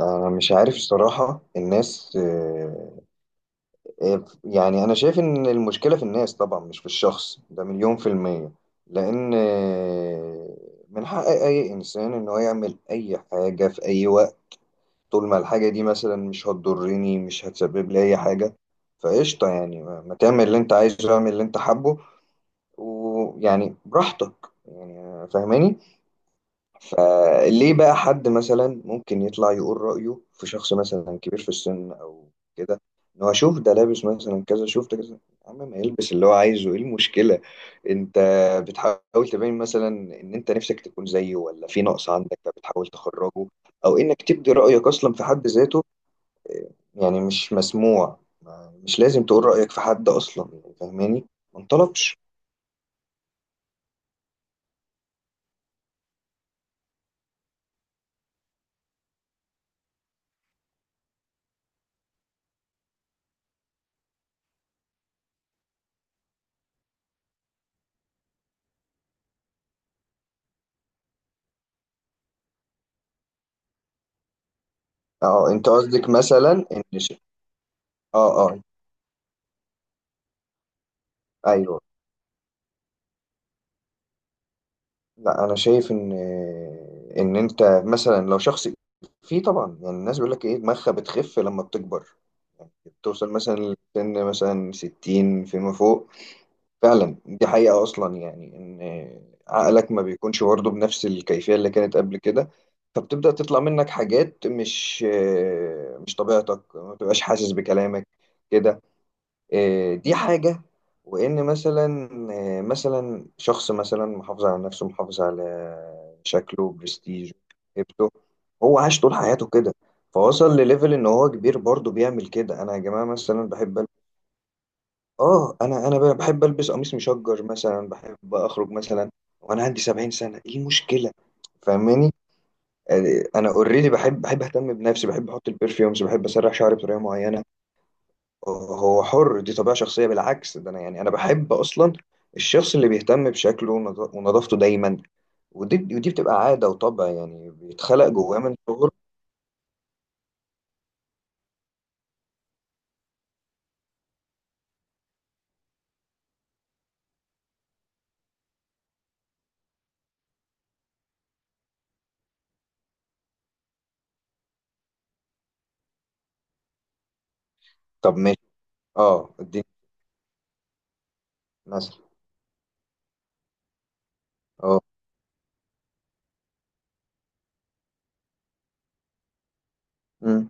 أنا مش عارف الصراحة الناس يعني أنا شايف إن المشكلة في الناس طبعا مش في الشخص ده مليون في المية لأن من حق أي إنسان إن هو يعمل أي حاجة في أي وقت طول ما الحاجة دي مثلا مش هتضرني، مش هتسبب لي أي حاجة. فقشطة، يعني ما تعمل اللي أنت عايزه، اعمل اللي أنت حابه ويعني براحتك. يعني فاهماني؟ فليه بقى حد مثلا ممكن يطلع يقول رأيه في شخص مثلا كبير في السن أو كده، إن هو شوف ده لابس مثلا كذا، شوف ده كذا. يا عم ما يلبس اللي هو عايزه، إيه المشكلة؟ أنت بتحاول تبين مثلا إن أنت نفسك تكون زيه، ولا في نقص عندك فبتحاول تخرجه، أو إنك تبدي رأيك أصلا في حد ذاته. يعني مش مسموع، مش لازم تقول رأيك في حد أصلا. يعني فاهماني؟ ما انطلبش. أه أنت قصدك مثلا إن ش- أه، أه، أيوه. لا، انا شايف ان انت مثلا لو شخص في، طبعا يعني الناس بيقول لك ايه، دماغها بتخف لما بتكبر، يعني بتوصل مثلا لسن مثلا 60 فيما فوق. فعلا دي حقيقة اصلا، يعني ان عقلك ما بيكونش برضه بنفس الكيفية اللي كانت قبل كده، فبتبدأ تطلع منك حاجات مش طبيعتك، ما بتبقاش حاسس بكلامك كده. دي حاجة. وإن مثلا مثلا شخص مثلا محافظ على نفسه، محافظ على شكله، برستيجه، هيبته، هو عاش طول حياته كده، فوصل لليفل إن هو كبير برضه بيعمل كده. أنا يا جماعة مثلا بحب ألبس، أنا بحب ألبس قميص مشجر مثلا، بحب أخرج مثلا وأنا عندي 70 سنة، إيه المشكلة؟ فاهماني؟ أنا أوريدي، بحب أهتم بنفسي، بحب أحط البرفيومز، بحب أسرح شعري بطريقة معينة. هو حر، دي طبيعة شخصية. بالعكس ده أنا، يعني أنا بحب أصلا الشخص اللي بيهتم بشكله ونظافته دايما. ودي بتبقى عادة وطبع، يعني بيتخلق جواه من صغره. طب ماشي، اه دي مثلا. اه. مم.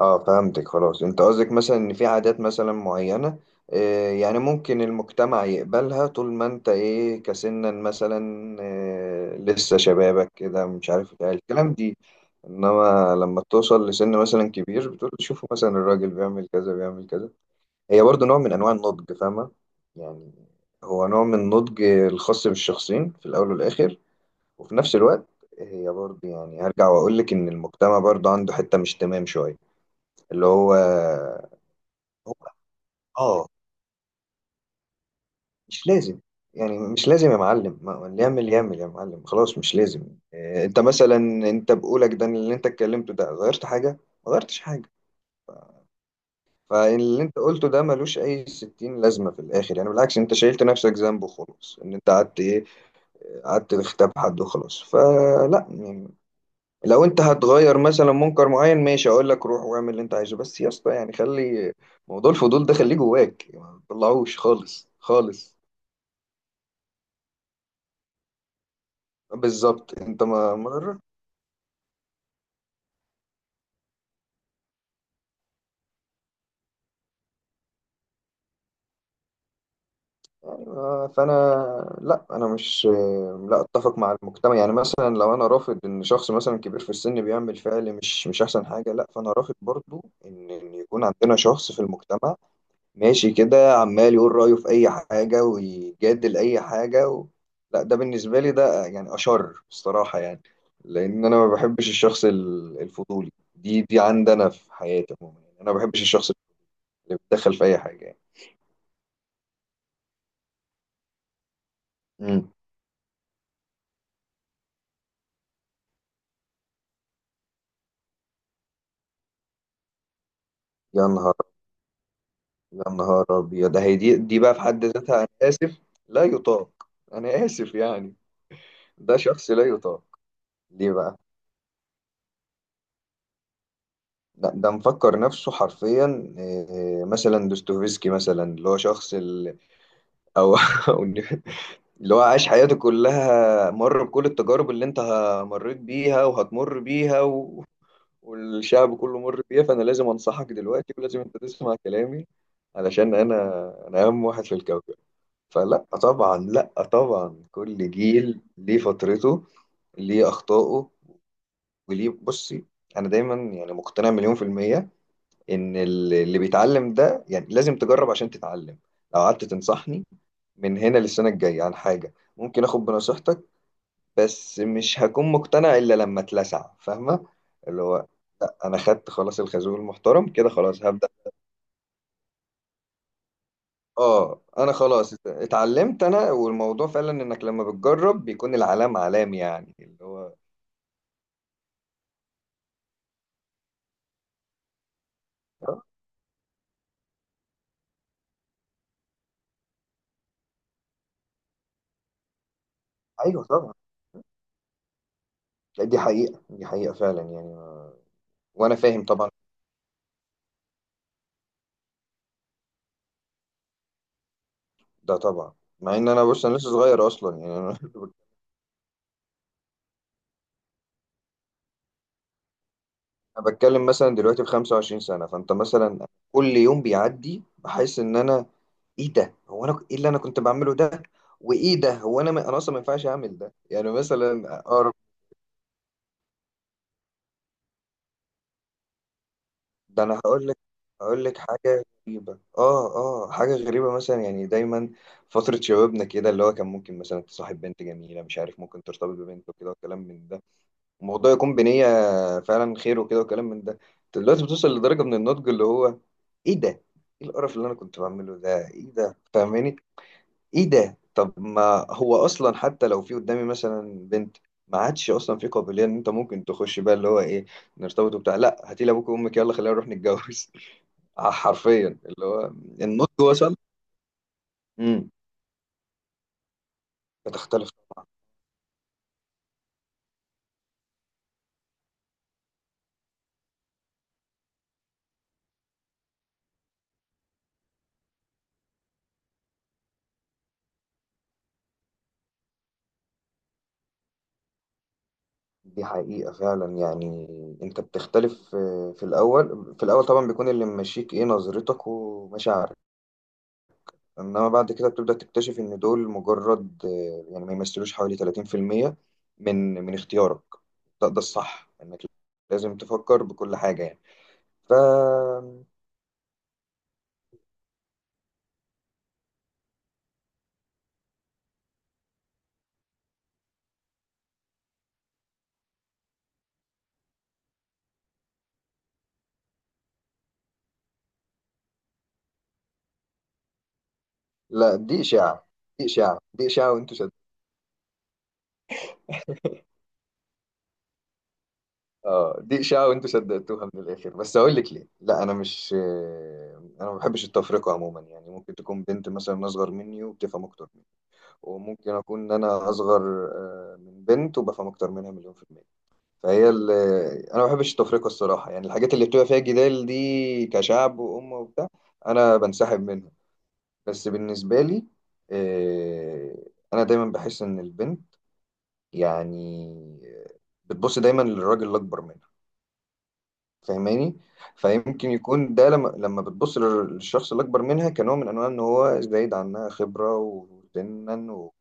اه، فهمتك خلاص. انت قصدك مثلا ان في عادات مثلا معينة، يعني ممكن المجتمع يقبلها طول ما انت ايه، كسنا مثلا، لسه شبابك كده مش عارف ايه الكلام دي. انما لما توصل لسن مثلا كبير بتقول شوفوا مثلا الراجل بيعمل كذا، بيعمل كذا. هي برضو نوع من انواع النضج، فاهمة يعني؟ هو نوع من النضج الخاص بالشخصين في الاول والاخر. وفي نفس الوقت هي برضو، يعني هرجع واقول لك ان المجتمع برضو عنده حتة مش تمام شوية، اللي هو. هو، اه، مش لازم. يعني مش لازم يا معلم، اللي يعمل يعمل يا معلم خلاص، مش لازم. إيه، انت مثلا، انت بقولك ده اللي انت اتكلمته ده غيرت حاجة؟ ما غيرتش حاجة. فاللي انت قلته ده ملوش اي ستين لازمة في الاخر، يعني بالعكس انت شايلت نفسك ذنب وخلاص، ان انت قعدت ايه، قعدت تغتاب حد وخلاص. فلا يعني، لو انت هتغير مثلا منكر معين ماشي، اقول لك روح واعمل اللي انت عايزه. بس يا اسطى يعني خلي موضوع الفضول ده خليه جواك، ما تطلعوش خالص خالص. بالظبط، انت ما مغرب. أيوة، فانا، لا انا مش، لا اتفق مع المجتمع. يعني مثلا لو انا رافض ان شخص مثلا كبير في السن بيعمل فعل مش احسن حاجه، لا، فانا رافض برضو ان يكون عندنا شخص في المجتمع ماشي كده عمال يقول رايه في اي حاجه ويجادل اي حاجه و... لا ده بالنسبه لي ده يعني اشر بصراحه يعني. لان انا ما بحبش الشخص الفضولي دي عندنا في حياتي عموما، يعني انا ما بحبش الشخص اللي بيتدخل في اي حاجه. يعني. يا نهار، يا نهار ابيض. ده هي دي بقى في حد ذاتها انا اسف لا يطاق، انا اسف يعني. ده شخص لا يطاق. ليه بقى؟ ده مفكر نفسه حرفيا، مثلا دوستويفسكي مثلا، اللي هو شخص ال... او أو إن- اللي هو عاش حياته كلها مر بكل التجارب اللي انت مريت بيها وهتمر بيها و... والشعب كله مر بيها، فانا لازم انصحك دلوقتي ولازم انت تسمع كلامي علشان انا، اهم واحد في الكوكب. فلا طبعا، لا طبعا، كل جيل ليه فترته، ليه أخطائه، وليه. بصي، أنا دايما يعني مقتنع مليون في المية إن اللي بيتعلم ده، يعني لازم تجرب عشان تتعلم. لو قعدت تنصحني من هنا للسنة الجاية عن حاجة، ممكن آخد بنصيحتك، بس مش هكون مقتنع إلا لما اتلسع. فاهمة؟ اللي هو، لا أنا خدت خلاص الخازوق المحترم كده، خلاص هبدأ. اه، انا خلاص اتعلمت انا، والموضوع فعلا انك لما بتجرب بيكون العلام علام، يعني اللي هو. آه، ايوه طبعا. لا، دي حقيقة، دي حقيقة فعلا يعني. وانا فاهم طبعا. ده طبعا. مع ان انا، بص انا لسه صغير اصلا يعني انا أنا بتكلم مثلا دلوقتي في 25 سنة، فانت مثلا كل يوم بيعدي بحس ان انا، ايه ده، هو انا ايه اللي انا كنت بعمله ده؟ وايه ده، هو انا انا اصلا ما ينفعش اعمل ده، يعني مثلا ده انا هقول لك. هقول لك حاجه غريبه، اه. اه، حاجه غريبه مثلا، يعني دايما فتره شبابنا كده اللي هو كان ممكن مثلا تصاحب بنت جميله مش عارف، ممكن ترتبط ببنت وكده وكلام من ده، الموضوع يكون بنيه فعلا خير وكده وكلام من ده. دلوقتي بتوصل لدرجه من النضج اللي هو ايه ده، ايه القرف اللي انا كنت بعمله ده، ايه ده؟ فاهماني؟ ايه ده، طب ما هو اصلا حتى لو في قدامي مثلا بنت، ما عادش اصلا في قابليه ان انت ممكن تخش بقى اللي هو ايه، نرتبط وبتاع، لا هاتي لي ابوك وامك يلا خلينا نروح نتجوز. حرفيا اللي هو النضج وصل. امم. بتختلف. دي حقيقة فعلا يعني، انت بتختلف في الأول، في الأول طبعا بيكون اللي ممشيك ايه، نظرتك ومشاعرك. انما بعد كده بتبدأ تكتشف ان دول مجرد يعني ما يمثلوش حوالي 30% من اختيارك. ده ده الصح، انك لازم تفكر بكل حاجة يعني. ف، لا دي إشاعة، دي إشاعة وانتوا. اه دي إشاعة وأنتوا صدقتوها. من الآخر بس أقول لك ليه، لا أنا مش، أنا ما بحبش التفرقة عموما، يعني ممكن تكون بنت مثلا أصغر مني وبتفهم أكتر مني، وممكن أكون ان أنا أصغر من بنت وبفهم أكتر منها مليون في المية. فهي ال... أنا ما بحبش التفرقة الصراحة، يعني الحاجات اللي بتبقى فيها جدال دي كشعب وأمة وبتاع أنا بنسحب منها. بس بالنسبة لي، آه، أنا دايما بحس إن البنت يعني، آه، بتبص دايما للراجل الأكبر منها. فاهماني؟ فيمكن يكون ده لما بتبص للشخص اللي اكبر منها كنوع من انواع ان هو زايد عنها خبره وسنا و...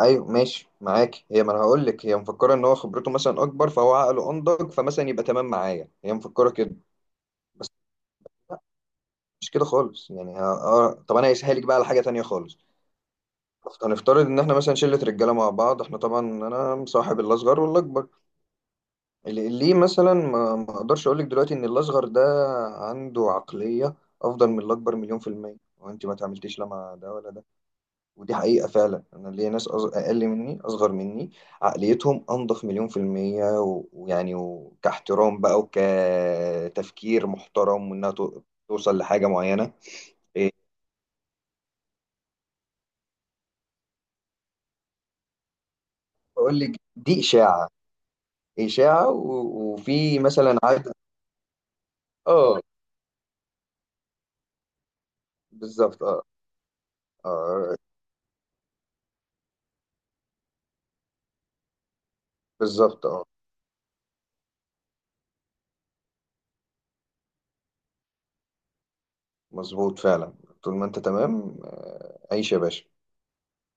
ايوه ماشي معاك، هي ما انا هقول لك، هي مفكره ان هو خبرته مثلا اكبر، فهو عقله انضج، فمثلا يبقى تمام معايا، هي مفكره كده. مش كده خالص يعني. ها... آه... طب انا هسهلك بقى على حاجه تانية خالص. هنفترض ان احنا مثلا شله رجاله مع بعض، احنا طبعا انا مصاحب الاصغر والاكبر. ليه مثلا ما اقدرش اقول لك دلوقتي ان الاصغر ده عنده عقليه افضل من الاكبر مليون في الميه، وانت ما تعملتيش لا مع ده ولا ده. ودي حقيقه فعلا، انا ليا ناس اقل مني، اصغر مني، عقليتهم انضف مليون في الميه، ويعني وكاحترام بقى وكتفكير محترم، توصل لحاجه معينه. إيه، بقول لك دي اشاعه، اشاعه وفي مثلا عدد. اه. بالظبط اه. اه بالظبط اه. مظبوط فعلا. طول ما انت تمام، عيش يا باشا.